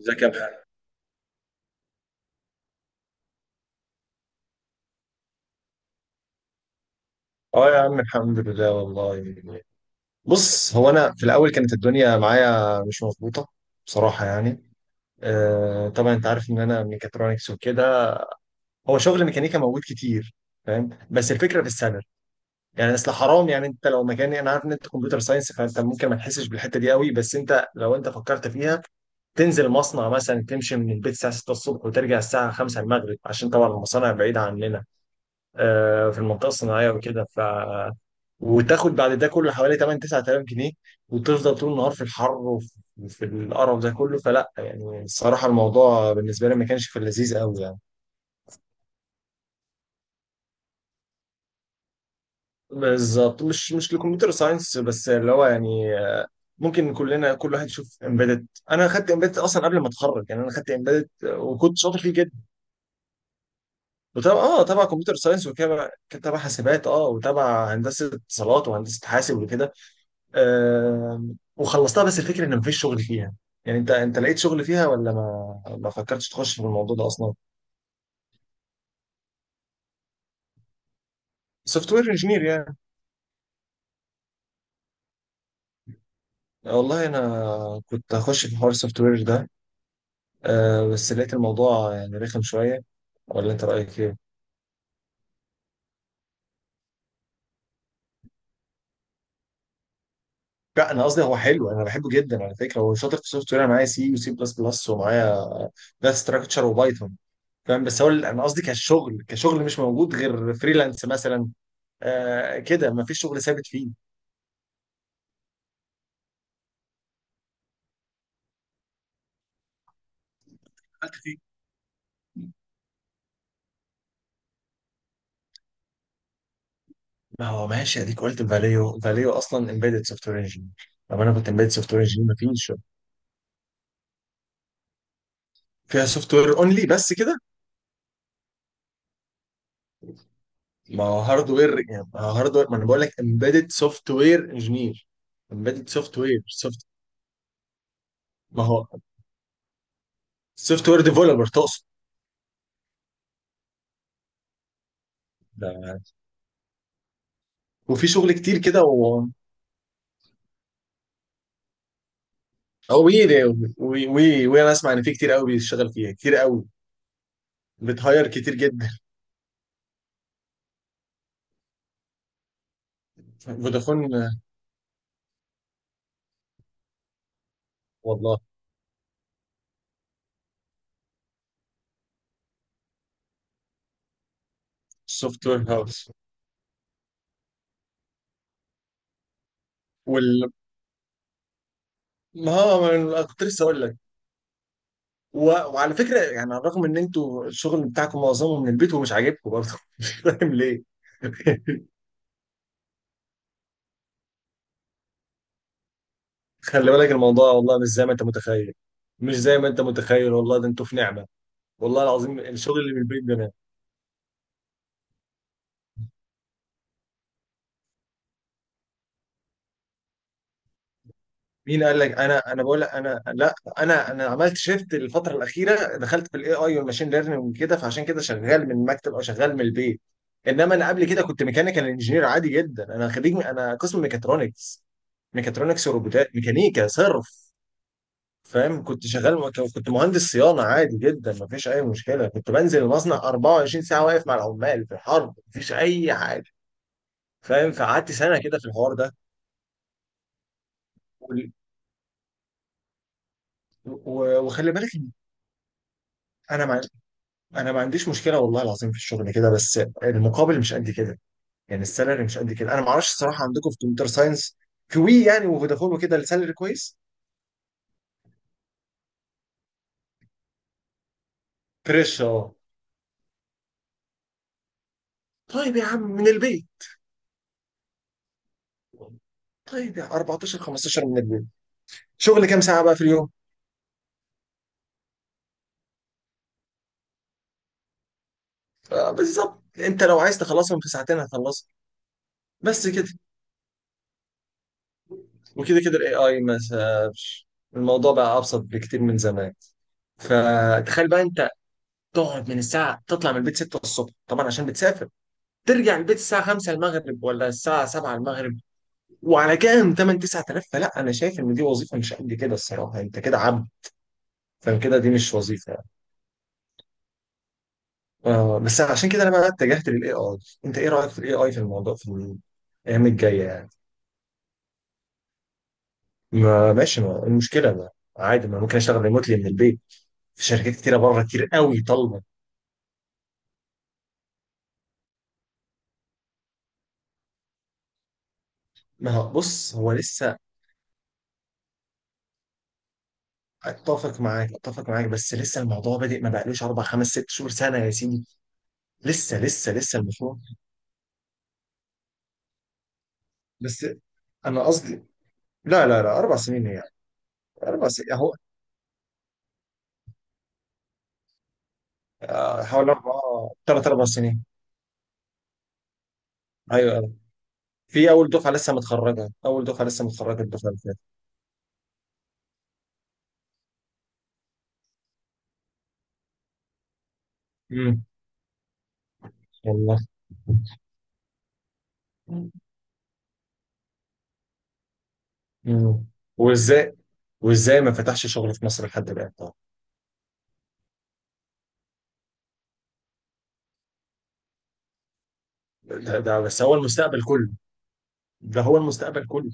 ازيك يا محمد. اه يا عم، الحمد لله والله. بص، هو انا في الاول كانت الدنيا معايا مش مظبوطه بصراحه يعني. آه، طبعا انت عارف ان انا ميكاترونكس وكده. هو شغل ميكانيكا موجود كتير فاهم، بس الفكره في السالري. يعني اصل حرام، يعني انت لو مكاني، انا عارف ان انت كمبيوتر ساينس فانت ممكن ما تحسش بالحته دي قوي، بس انت لو انت فكرت فيها تنزل مصنع مثلا، تمشي من البيت الساعه 6 الصبح وترجع الساعه 5 المغرب عشان طبعا المصانع بعيده عننا. آه، في المنطقه الصناعيه وكده. وتاخد بعد ده كله حوالي 8 9000 جنيه، وتفضل طول النهار في الحر وفي القرف ده كله. فلا يعني، الصراحه الموضوع بالنسبه لي ما كانش في اللذيذ قوي يعني. بالظبط مش لكمبيوتر ساينس، بس اللي هو يعني، ممكن كلنا كل واحد يشوف امبيدد. انا خدت امبيدد اصلا قبل ما اتخرج يعني، انا خدت امبيدد وكنت شاطر فيه جدا. وطبعا تبع كمبيوتر ساينس وكده كان تبع حاسبات وتبع هندسه اتصالات وهندسه حاسب وكده. وخلصتها، بس الفكرة ان مفيش شغل فيها. يعني انت لقيت شغل فيها ولا ما فكرتش تخش في الموضوع ده اصلا؟ سوفت وير انجينير يعني؟ والله انا كنت هخش في حوار السوفت وير ده، بس لقيت الموضوع يعني رخم شوية. ولا انت رايك ايه؟ لا انا قصدي هو حلو، انا بحبه جدا على فكره، هو شاطر في السوفت وير. انا معايا سي وسي بلس بلس ومعايا داتا ستراكشر وبايثون فاهم. بس هو انا قصدي كشغل مش موجود غير فريلانس مثلا. آه كده، ما فيش شغل ثابت فيه. ما هو ماشي، اديك قلت فاليو. فاليو اصلا امبيدد سوفت وير انجينير. طب انا كنت امبيدد سوفت وير انجينير، ما فيش. فيها سوفت وير اونلي، بس كده. ما هو هاردوير يعني، ما هو هاردوير، ما انا بقول لك امبيدد سوفت وير انجينير. امبيدد سوفت وير. ما هو سوفت وير ديفلوبر تقصد. ده. وفي شغل كتير كده او وي. وي وي وي انا اسمع ان في كتير قوي بيشتغل فيها كتير قوي، بتهاير كتير جدا. فودافون، والله سوفت وير هاوس. وال ما هو ما أنا كنت لسه اقول لك. وعلى فكره يعني رغم ان انتوا الشغل بتاعكم معظمه من البيت ومش عاجبكم برضه مش فاهم ليه. خلي بالك الموضوع والله مش زي ما انت متخيل، مش زي ما انت متخيل والله. ده انتوا في نعمه والله العظيم. الشغل اللي من البيت ده أنا. مين قال لك انا؟ انا بقول لك انا لا. انا عملت شيفت الفتره الاخيره، دخلت في الاي اي والماشين ليرنينج كده، فعشان كده شغال من المكتب او شغال من البيت. انما انا قبل كده كنت ميكانيكال انجينير عادي جدا، انا خريج، انا قسم ميكاترونكس. ميكاترونكس وروبوتات، ميكانيكا صرف. فاهم؟ كنت شغال، كنت مهندس صيانه عادي جدا، مفيش اي مشكله، كنت بنزل المصنع 24 ساعه، واقف مع العمال في الحرب، مفيش اي حاجه. فاهم؟ فقعدت سنه كده في الحوار ده. وال- وخلي بالك. انا ما انا ما عنديش مشكله والله العظيم في الشغل كده، بس المقابل مش قد كده. يعني السالري مش قد كده. انا ما اعرفش الصراحه عندكم في كمبيوتر ساينس كوي يعني، وفودافون وكده السالري كويس. فريش اه. طيب يا عم من البيت؟ طيب، يا 14 15 من البيت! شغل كام ساعه بقى في اليوم؟ آه، بالظبط. انت لو عايز تخلصهم في ساعتين هتخلصهم، بس كده. وكده كده الاي اي ما سابش. الموضوع بقى ابسط بكتير من زمان. فتخيل بقى انت، تقعد من الساعه تطلع من البيت 6 الصبح طبعا عشان بتسافر، ترجع البيت الساعه 5 المغرب ولا الساعه 7 المغرب، وعلى كام، 8 9000. فلا انا شايف ان دي وظيفه مش قد كده الصراحه، انت كده عبد. فكده دي مش وظيفه يعني. آه بس عشان كده انا بقى اتجهت للاي اي. انت ايه رايك في الاي اي، في الموضوع في الايام الجايه؟ ما ماشي، ما المشكله، ما عادي، ما ممكن اشتغل ريموتلي من البيت، في شركات كتيره بره كتير قوي طالبه. ما هو بص هو لسه. اتفق معاك، اتفق معاك بس لسه الموضوع بادئ، ما بقالوش 4 5 6 شهور سنة يا سيدي. لسه لسه لسه المشروع. بس انا قصدي، لا لا لا، 4 سنين يعني. 4 سنين اهو. آه، حوالي اربع، 3 4 سنين. ايوه أيوة. في اول دفعه لسه متخرجه، اول دفعه لسه متخرجه، الدفعه اللي فاتت. امم والله. مم. وازاي؟ وازاي ما فتحش شغل في مصر لحد الان طبعا؟ ده بس هو المستقبل كله. ده هو المستقبل كله.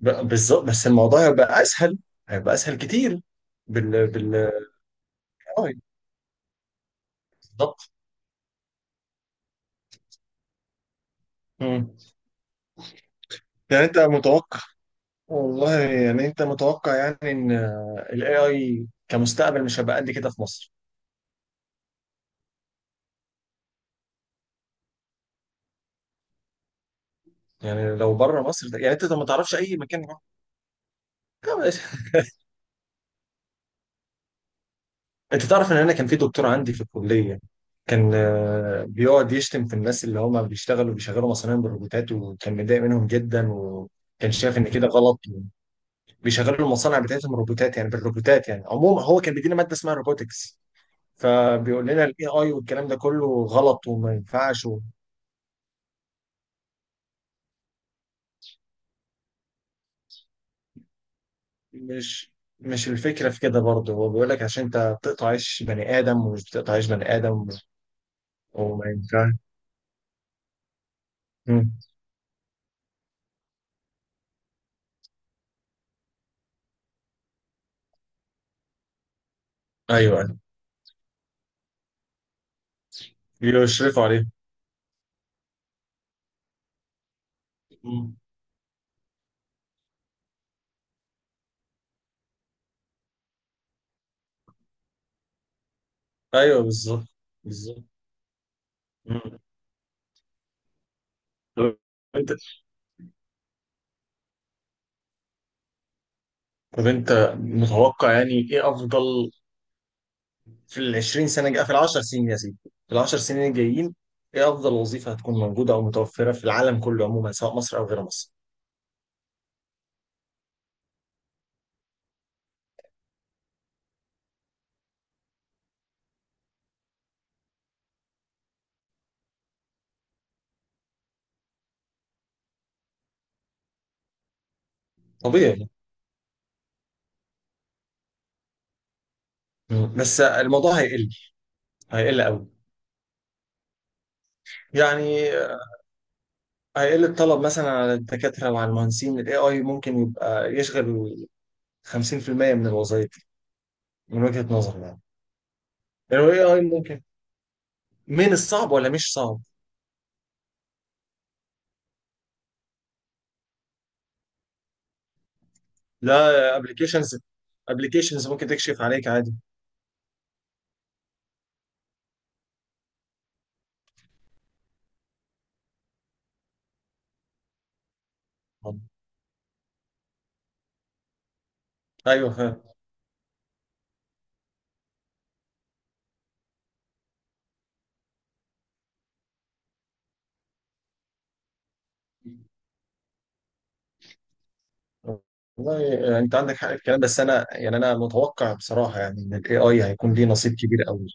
بالظبط بس الموضوع هيبقى اسهل، هيبقى اسهل كتير. بال بال آه، بالظبط. مم. يعني انت متوقع، والله يعني انت متوقع يعني، ان الاي اي كمستقبل مش هيبقى قد كده في مصر؟ يعني لو بره مصر يعني انت ما تعرفش اي مكان يروح. انت تعرف ان انا كان في دكتور عندي في الكليه، كان بيقعد يشتم في الناس اللي هم بيشتغلوا بيشغلوا مصانع بالروبوتات، وكان متضايق منهم جدا وكان شايف ان كده غلط. بيشغلوا المصانع بتاعتهم روبوتات يعني بالروبوتات يعني. عموما هو كان بيدينا ماده اسمها روبوتكس. فبيقول لنا الاي اي والكلام ده كله غلط وما ينفعش. ومش مش الفكره في كده برضه، هو بيقول لك عشان انت بتقطع عيش بني ادم ومش بتقطع عيش بني ادم، وما ينفعش. مم. ايوه أيوة. بيشرفوا عليه. ايوه بالظبط. بالظبط. مم. طب انت طب انت متوقع يعني، ايه افضل في ال 20 سنه جاية، في ال 10 سنين يا سيدي، في ال 10 سنين الجايين، ايه افضل وظيفه هتكون موجوده او متوفره في العالم كله عموما سواء مصر او غير مصر؟ طبيعي. مم. بس الموضوع هيقل. هيقل قوي. يعني هيقل الطلب مثلا على الدكاتره وعلى المهندسين، الاي اي ممكن يبقى يشغل 50% من الوظائف من وجهه نظري يعني. الاي اي ممكن، من الصعب ولا مش صعب؟ لا ابلكيشنز، ابلكيشنز ممكن تكشف عليك عادي. ايوه فاهم. والله آه، انت عندك حق في الكلام بس انا يعني انا متوقع بصراحه يعني ان الاي اي هيكون ليه نصيب كبير قوي.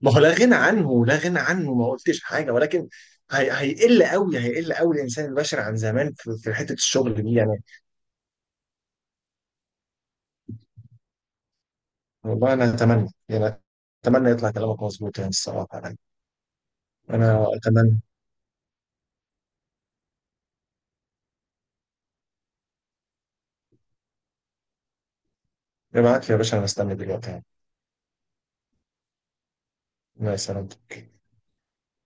ما هو لا غنى عنه، لا غنى عنه ما قلتش حاجه، ولكن هي هيقل قوي، هيقل قوي الانسان البشر عن زمان في حته الشغل دي يعني. والله انا اتمنى يعني، اتمنى يطلع كلامك مظبوط يعني الصراحه يعني. انا اتمنى. ابعت لي يا باشا، انا مستني دلوقتي يعني. مع السلامه.